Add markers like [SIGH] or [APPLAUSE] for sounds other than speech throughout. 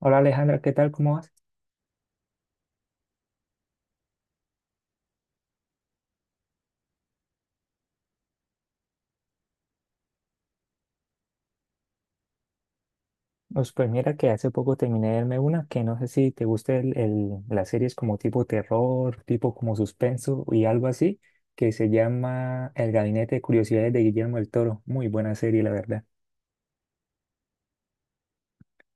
Hola Alejandra, ¿qué tal? ¿Cómo vas? Pues mira que hace poco terminé de verme una que no sé si te gusta las series como tipo terror, tipo como suspenso y algo así, que se llama El Gabinete de Curiosidades de Guillermo del Toro. Muy buena serie, la verdad.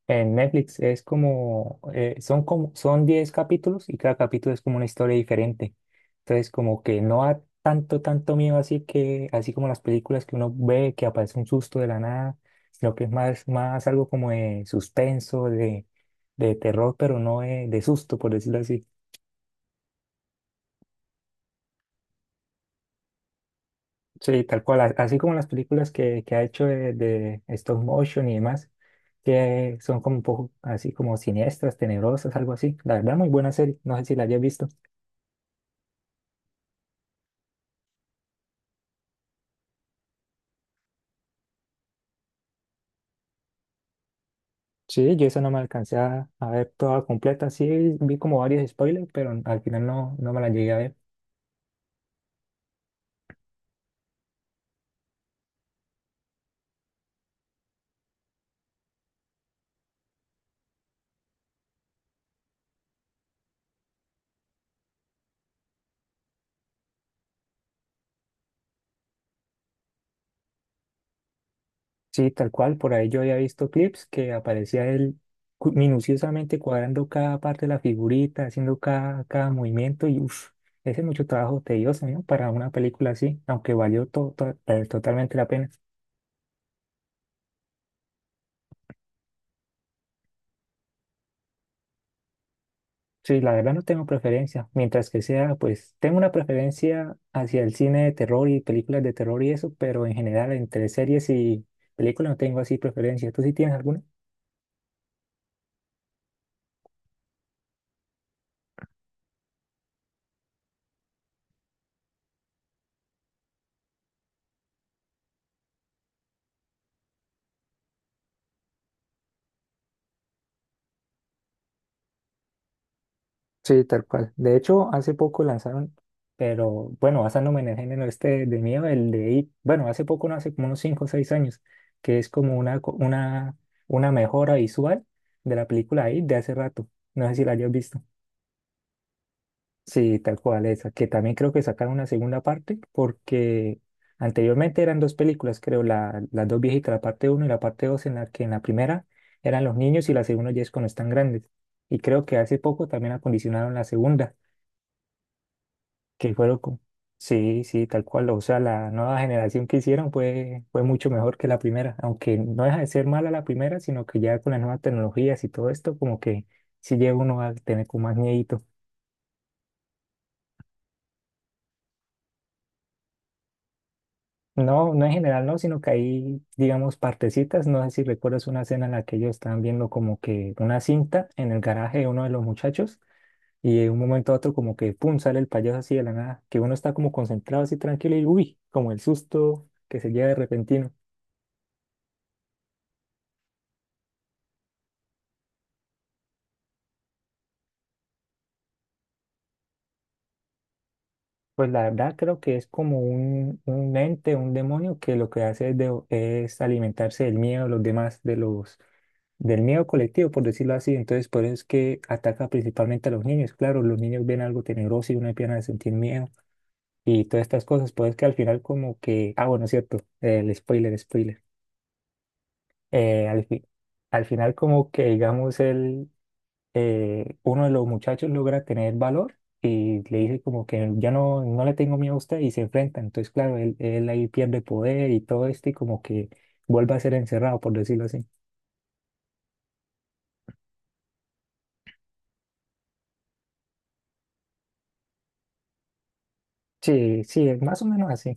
En Netflix es como, son como, son 10 capítulos y cada capítulo es como una historia diferente. Entonces, como que no da tanto, tanto miedo, así que, así como las películas que uno ve que aparece un susto de la nada, sino que es más, más algo como de suspenso, de terror, pero no de susto, por decirlo así. Sí, tal cual, así como las películas que ha hecho de stop motion y demás, que son como un poco así como siniestras, tenebrosas, algo así. La verdad, muy buena serie, no sé si la hayas visto. Sí, yo eso no me alcancé a ver toda completa. Sí, vi como varios spoilers, pero al final no me la llegué a ver. Sí, tal cual, por ahí yo había visto clips que aparecía él minuciosamente cuadrando cada parte de la figurita, haciendo cada movimiento y uff, ese es mucho trabajo tedioso, ¿no? Para una película así, aunque valió totalmente la pena. Sí, la verdad no tengo preferencia. Mientras que sea, pues tengo una preferencia hacia el cine de terror y películas de terror y eso, pero en general entre series y películas no tengo así preferencia. ¿Tú sí tienes alguna? Sí, tal cual. De hecho, hace poco lanzaron. Pero bueno, basándome en el género este de miedo, el de It, bueno, hace poco, no hace como unos 5 o 6 años, que es como una mejora visual de la película It de hace rato. No sé si la hayas visto. Sí, tal cual esa, que también creo que sacaron una segunda parte porque anteriormente eran dos películas, creo, las dos viejitas, la parte uno y la parte dos, en la que en la primera eran los niños y la segunda ya es cuando están grandes. Y creo que hace poco también acondicionaron la segunda, que fueron con. Sí, sí, tal cual, o sea, la nueva generación que hicieron fue mucho mejor que la primera, aunque no deja de ser mala la primera, sino que ya con las nuevas tecnologías y todo esto, como que sí llega uno a tener como más miedo. No, no en general, no, sino que hay, digamos, partecitas. No sé si recuerdas una escena en la que ellos estaban viendo como que una cinta en el garaje de uno de los muchachos y de un momento a otro, como que pum, sale el payaso así de la nada, que uno está como concentrado así tranquilo y, uy, como el susto que se lleva de repentino. Pues la verdad creo que es como un ente, un demonio que lo que hace es, es alimentarse del miedo de los demás, del miedo colectivo, por decirlo así. Entonces, por eso es que ataca principalmente a los niños. Claro, los niños ven algo tenebroso y uno empieza a sentir miedo y todas estas cosas. Pues que al final como que, ah, bueno, es cierto, el spoiler, spoiler. Eh, al fi- Al final como que, digamos, él uno de los muchachos logra tener valor y le dice como que ya no le tengo miedo a usted y se enfrenta. Entonces, claro, él ahí pierde poder y todo esto y como que vuelve a ser encerrado, por decirlo así. Sí, sí, es más o menos así.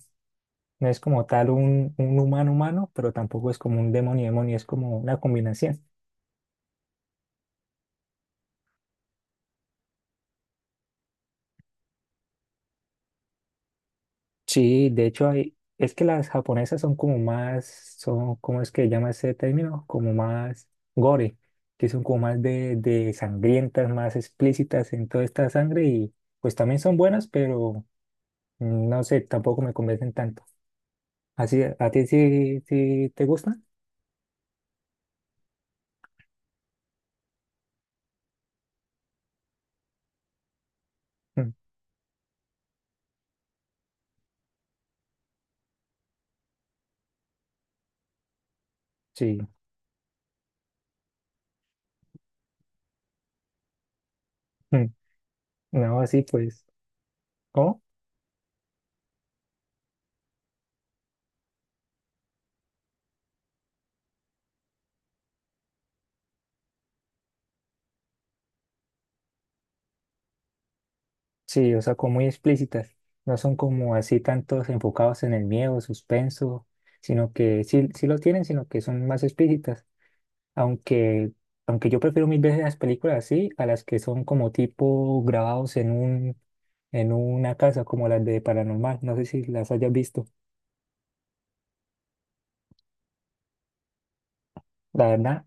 No es como tal un humano humano, pero tampoco es como un demonio demonio, es como una combinación. Sí, de hecho hay, es que las japonesas son como más, son, ¿cómo es que se llama ese término? Como más gore, que son como más de sangrientas, más explícitas en toda esta sangre y pues también son buenas, pero no sé, tampoco me convencen tanto. Así, ¿a ti sí, sí te gustan? Mm, sí, mm, no, así pues, ¿cómo? Sí, o sea, como muy explícitas, no son como así tantos enfocados en el miedo, suspenso, sino que sí, sí lo tienen, sino que son más explícitas. Aunque, aunque yo prefiero mil veces las películas así a las que son como tipo grabados en en una casa como las de Paranormal. No sé si las hayas visto. La verdad.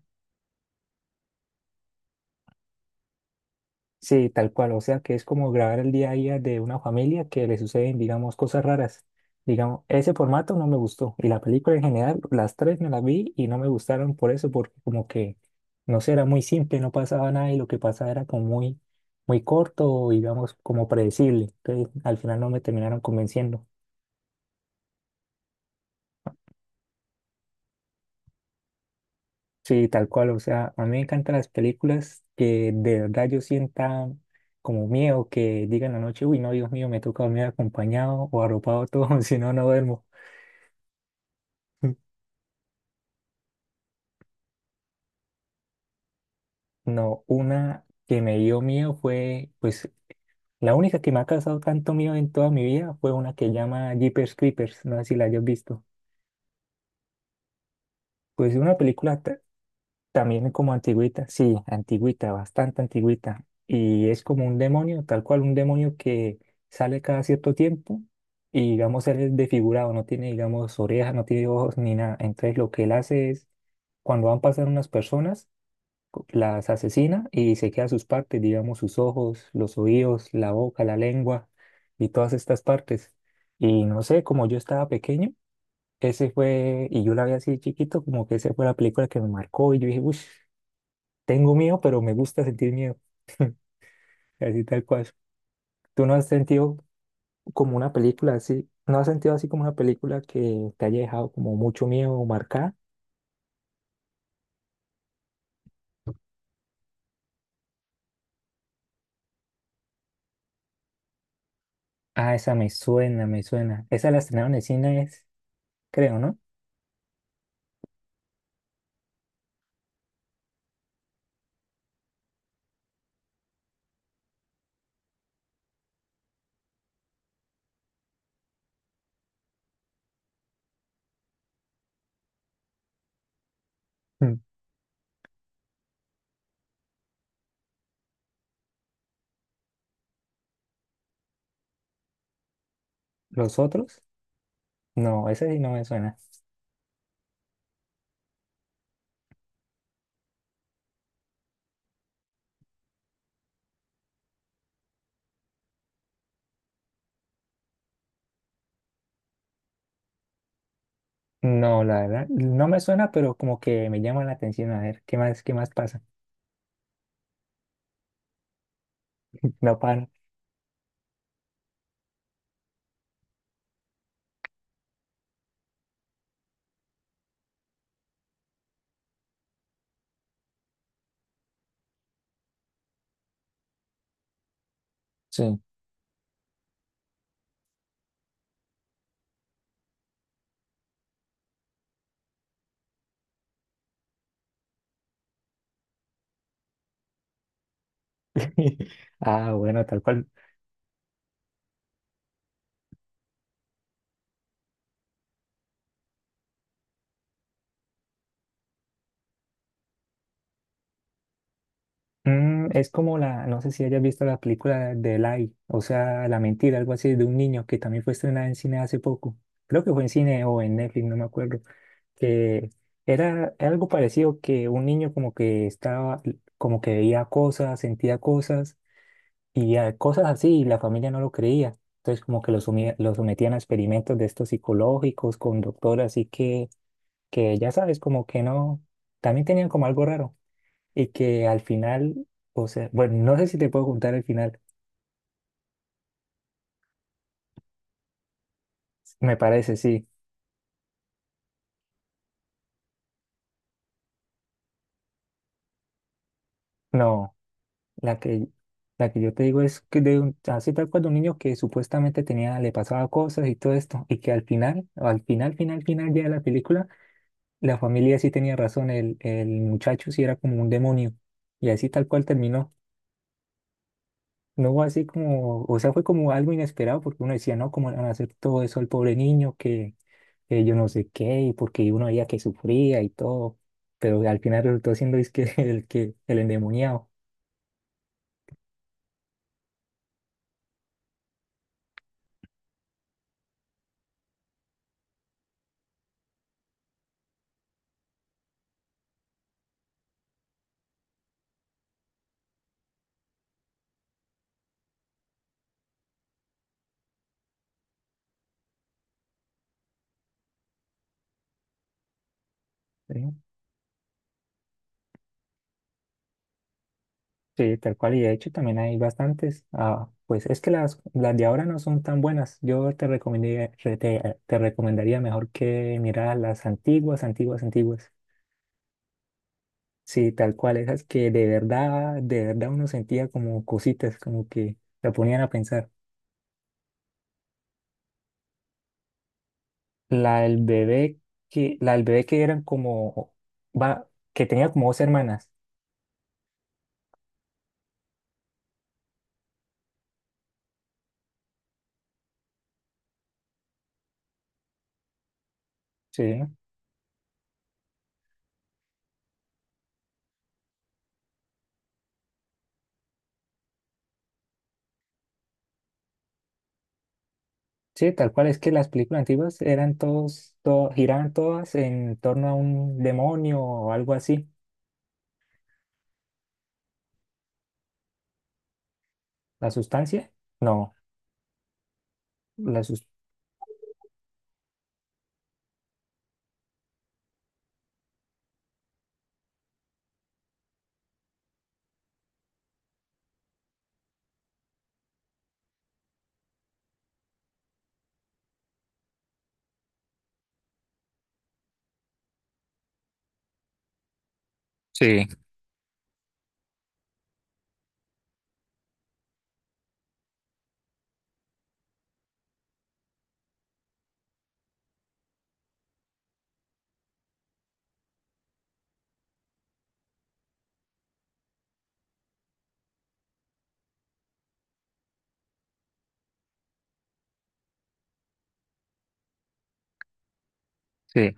Sí, tal cual, o sea que es como grabar el día a día de una familia que le suceden, digamos, cosas raras. Digamos, ese formato no me gustó y la película en general, las tres me las vi y no me gustaron por eso, porque como que, no sé, era muy simple, no pasaba nada y lo que pasaba era como muy, muy corto, digamos, como predecible. Entonces, al final no me terminaron convenciendo. Sí, tal cual, o sea, a mí me encantan las películas que de verdad yo sienta como miedo, que digan la noche, uy, no, Dios mío, me toca dormir acompañado o arropado todo, [LAUGHS] si no, no duermo. [LAUGHS] No, una que me dio miedo fue, pues, la única que me ha causado tanto miedo en toda mi vida fue una que llama Jeepers Creepers, no sé si la hayas visto. Pues una película. También como antigüita, sí, antigüita, bastante antigüita. Y es como un demonio, tal cual un demonio que sale cada cierto tiempo y digamos él es desfigurado, no tiene digamos orejas, no tiene ojos ni nada. Entonces lo que él hace es, cuando van pasando unas personas, las asesina y se queda sus partes, digamos sus ojos, los oídos, la boca, la lengua y todas estas partes. Y no sé, como yo estaba pequeño, ese fue, y yo la vi así de chiquito, como que esa fue la película que me marcó y yo dije, uff. Tengo miedo, pero me gusta sentir miedo, así tal cual. ¿Tú no has sentido como una película así, no has sentido así como una película que te haya dejado como mucho miedo o marcada? Ah, esa me suena, me suena. Esa la estrenaron en cines, creo, ¿no? Mm. ¿Los otros? No, esa sí no me suena. No, la verdad, no me suena, pero como que me llama la atención a ver qué más pasa. No paro. Sí. [LAUGHS] Ah, bueno, tal cual. Es como no sé si hayas visto la película de Lie, o sea, La Mentira, algo así, de un niño que también fue estrenada en cine hace poco. Creo que fue en cine o en Netflix, no me acuerdo. Que era algo parecido, que un niño como que estaba, como que veía cosas, sentía cosas y cosas así, y la familia no lo creía. Entonces como que lo sometían a experimentos de estos psicológicos con doctor, así que ya sabes, como que no, también tenían como algo raro y que al final, o sea, bueno, no sé si te puedo contar el final, me parece, sí. No, la que, la que yo te digo es que de un, así tal cual de un niño que supuestamente tenía, le pasaba cosas y todo esto, y que al final, final, final ya de la película, la familia sí tenía razón, el muchacho sí era como un demonio, y así tal cual terminó. No, así como, o sea, fue como algo inesperado porque uno decía, no, ¿cómo le van a hacer todo eso al pobre niño que yo no sé qué? Y porque uno veía que sufría y todo, pero al final resultó siendo es que [LAUGHS] el endemoniado. Sí, sí, tal cual, y de hecho también hay bastantes. Ah, pues es que las de ahora no son tan buenas. Yo te recomendaría, te recomendaría mejor que mirar las antiguas, antiguas, antiguas. Sí, tal cual, esas que de verdad uno sentía como cositas, como que la ponían a pensar. La del bebé la del bebé que eran como, va, que tenía como dos hermanas. Sí, sí, tal cual, es que las películas antiguas eran giraban todas en torno a un demonio o algo así. ¿La sustancia? No, la sus- Sí, sí,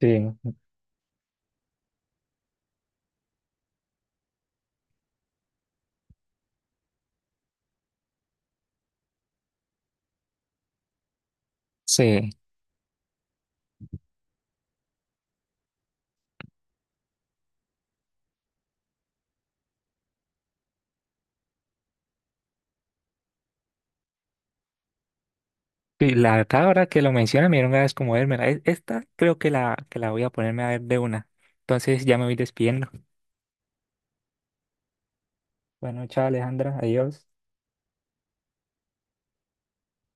sí, sí. Y la verdad, ahora que lo menciona, me dieron ganas como vérmela. Esta creo que que la voy a ponerme a ver de una. Entonces ya me voy despidiendo. Bueno, chao Alejandra, adiós.